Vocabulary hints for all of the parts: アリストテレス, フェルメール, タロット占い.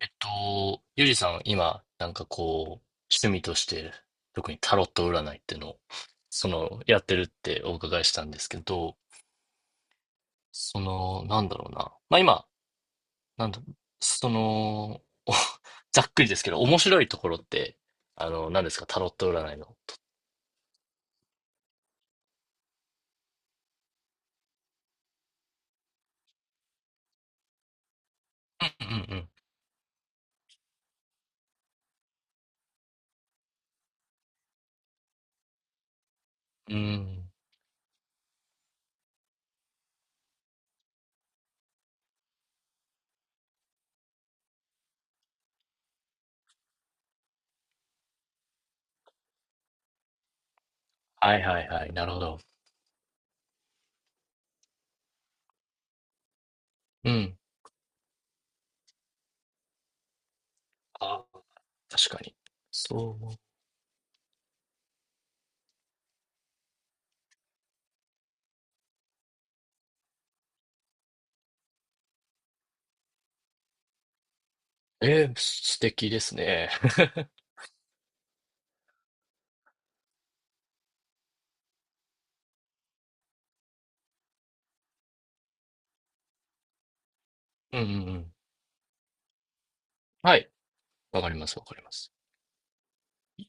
ゆりさん、今、趣味として、特にタロット占いっていうのを、やってるってお伺いしたんですけど、なんだろうな。まあ今、なんだ、その、お ざっくりですけど、面白いところって、何ですか、タロット占いの。うんうんうん。うん。はいはいはい。なるほど。うん。あ、確かに。そう。素敵ですね。うんうんうん。はい。わかりますわかります。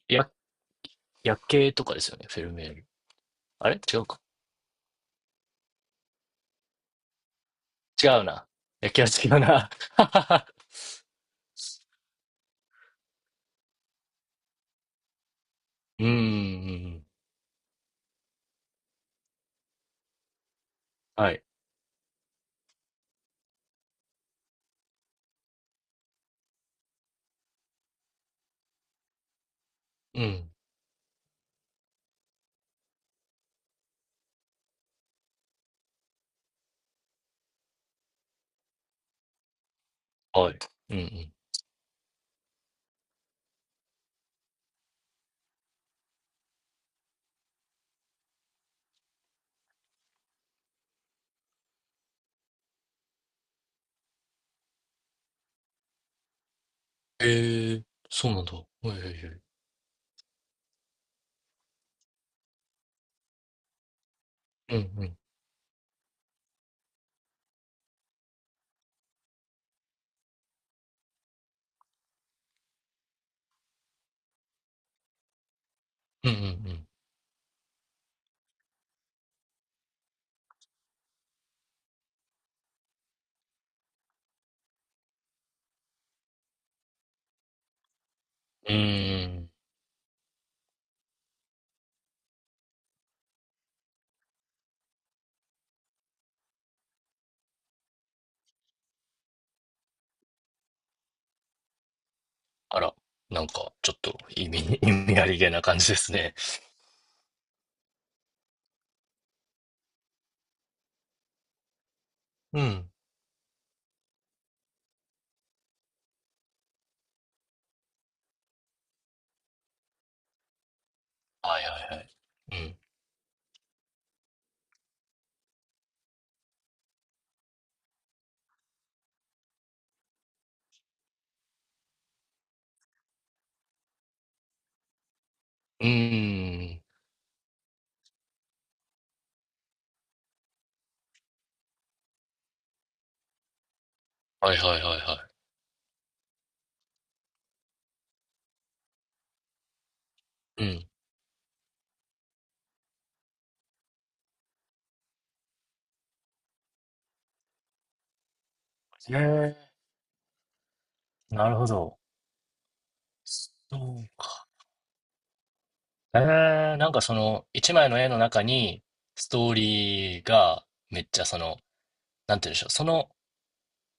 や夜景とかですよね、フェルメール。あれ違うか。違うな。夜景は違うな。うーん。はい。うん。はい。うんうん。ええ、そうなんだ。はいはいはい。うんうん。うんうんうん。うーん。あら、なんかちょっと意味ありげな感じですね。うん。はいはいはい。うん。うーん。はいはいはいはい。うん。へえ、なるほど。そうか。え一枚の絵の中に、ストーリーが、めっちゃなんて言うんでしょう、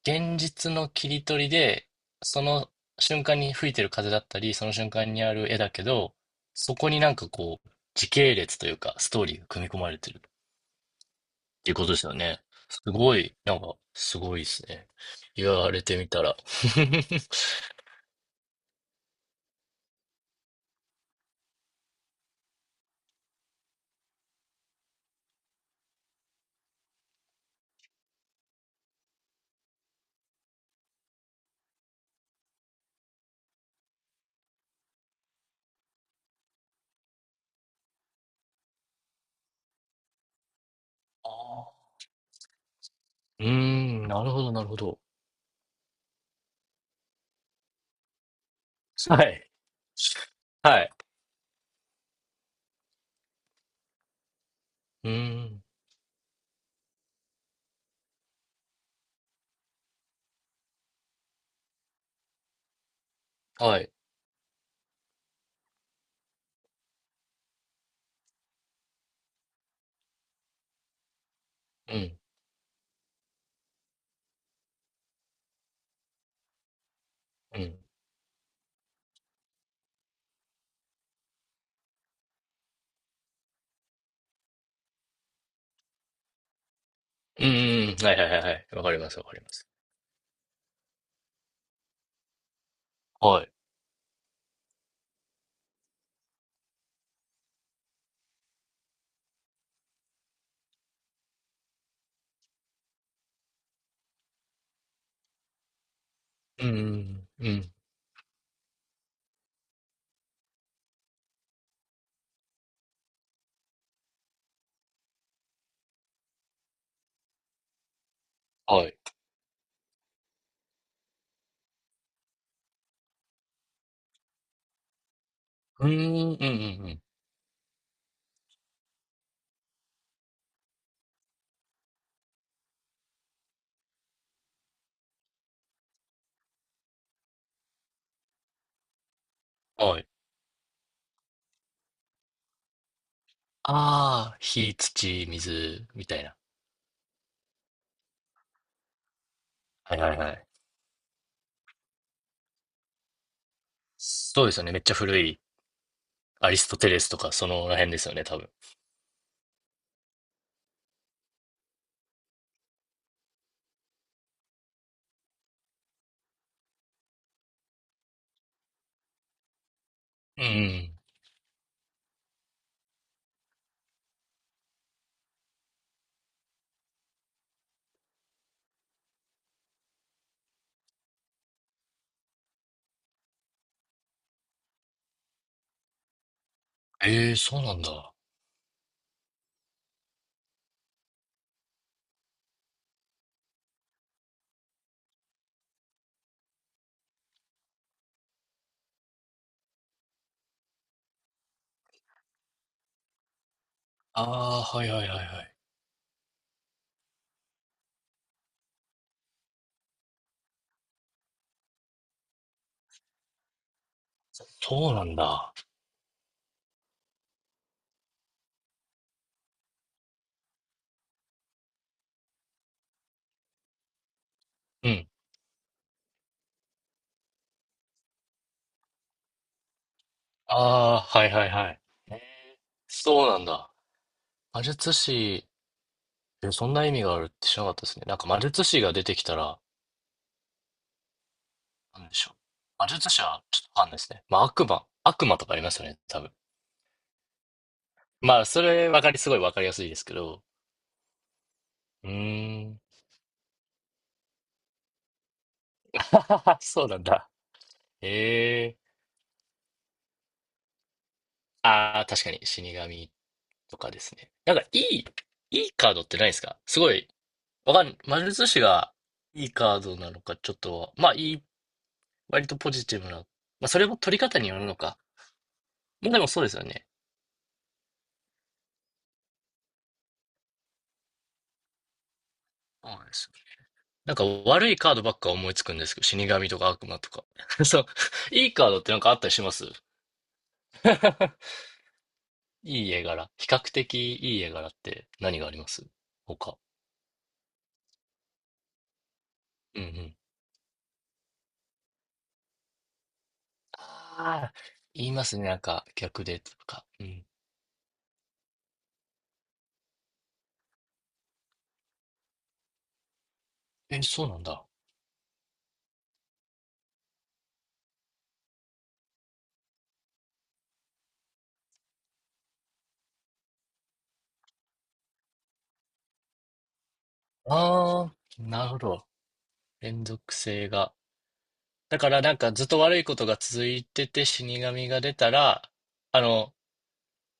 現実の切り取りで、その瞬間に吹いてる風だったり、その瞬間にある絵だけど、そこに時系列というか、ストーリーが組み込まれてるっていうことですよね。すごい、すごいですね。言われてみたら。ああうーん、なるほど、なるほど。はい。はい。うーん。はい。うん。うんうんうんうん。はいはいはいはい。わかりますわかります。はい。うんうんうん。うん。はい。うーん、うんうんうん。はい。ああ、火、土、水みたいな。はいはいはい。そうですよね、めっちゃ古い、アリストテレスとかそのら辺ですよね、多分。うんうん。ええ、そうなんだ。ああ、はいはいはいはい。そうなんだ。うん。ああ、はいはいはい。え、そうなんだ。魔術師、え、そんな意味があるって知らなかったですね。なんか魔術師が出てきたら、なんでしょう。魔術師はちょっとわかんないですね。まあ、悪魔とかありますよね、多分。まあ、それわかり、すごいわかりやすいですけど。うーん。そうなんだ。ええ、ああー、確かに死神とかですね。なんか、いいカードってないですか？すごい、わかん、魔術師がいいカードなのか、ちょっと、まあ、割とポジティブな。まあ、それも取り方によるのか。まあ、でもそうですよね。そうです。なんか悪いカードばっか思いつくんですけど、死神とか悪魔とか。そう。いいカードってなんかあったりします？ いい絵柄。比較的いい絵柄って何があります、他。うんうん。ああ、言いますね。なんか逆でとか。うん。え、そうなんだ。ああ、なるほど。連続性が。だからなんかずっと悪いことが続いてて死神が出たら、あの、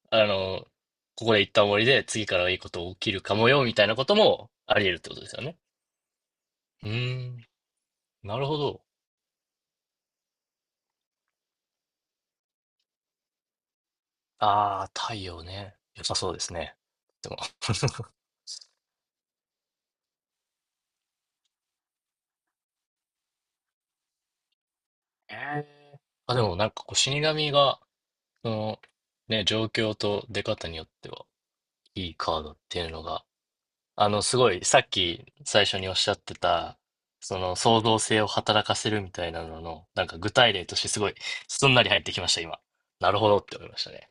あの、ここで一旦終わりで次からはいいこと起きるかもよみたいなこともあり得るってことですよね。うーん、なるほど。ああ、太陽ね。良さそうですね。でも ええ。あ、でもなんかこう死神が、その、ね、状況と出方によっては、いいカードっていうのが、すごい、さっき最初におっしゃってた、その創造性を働かせるみたいなのの、なんか具体例としてすごい、すんなり入ってきました、今。なるほどって思いましたね。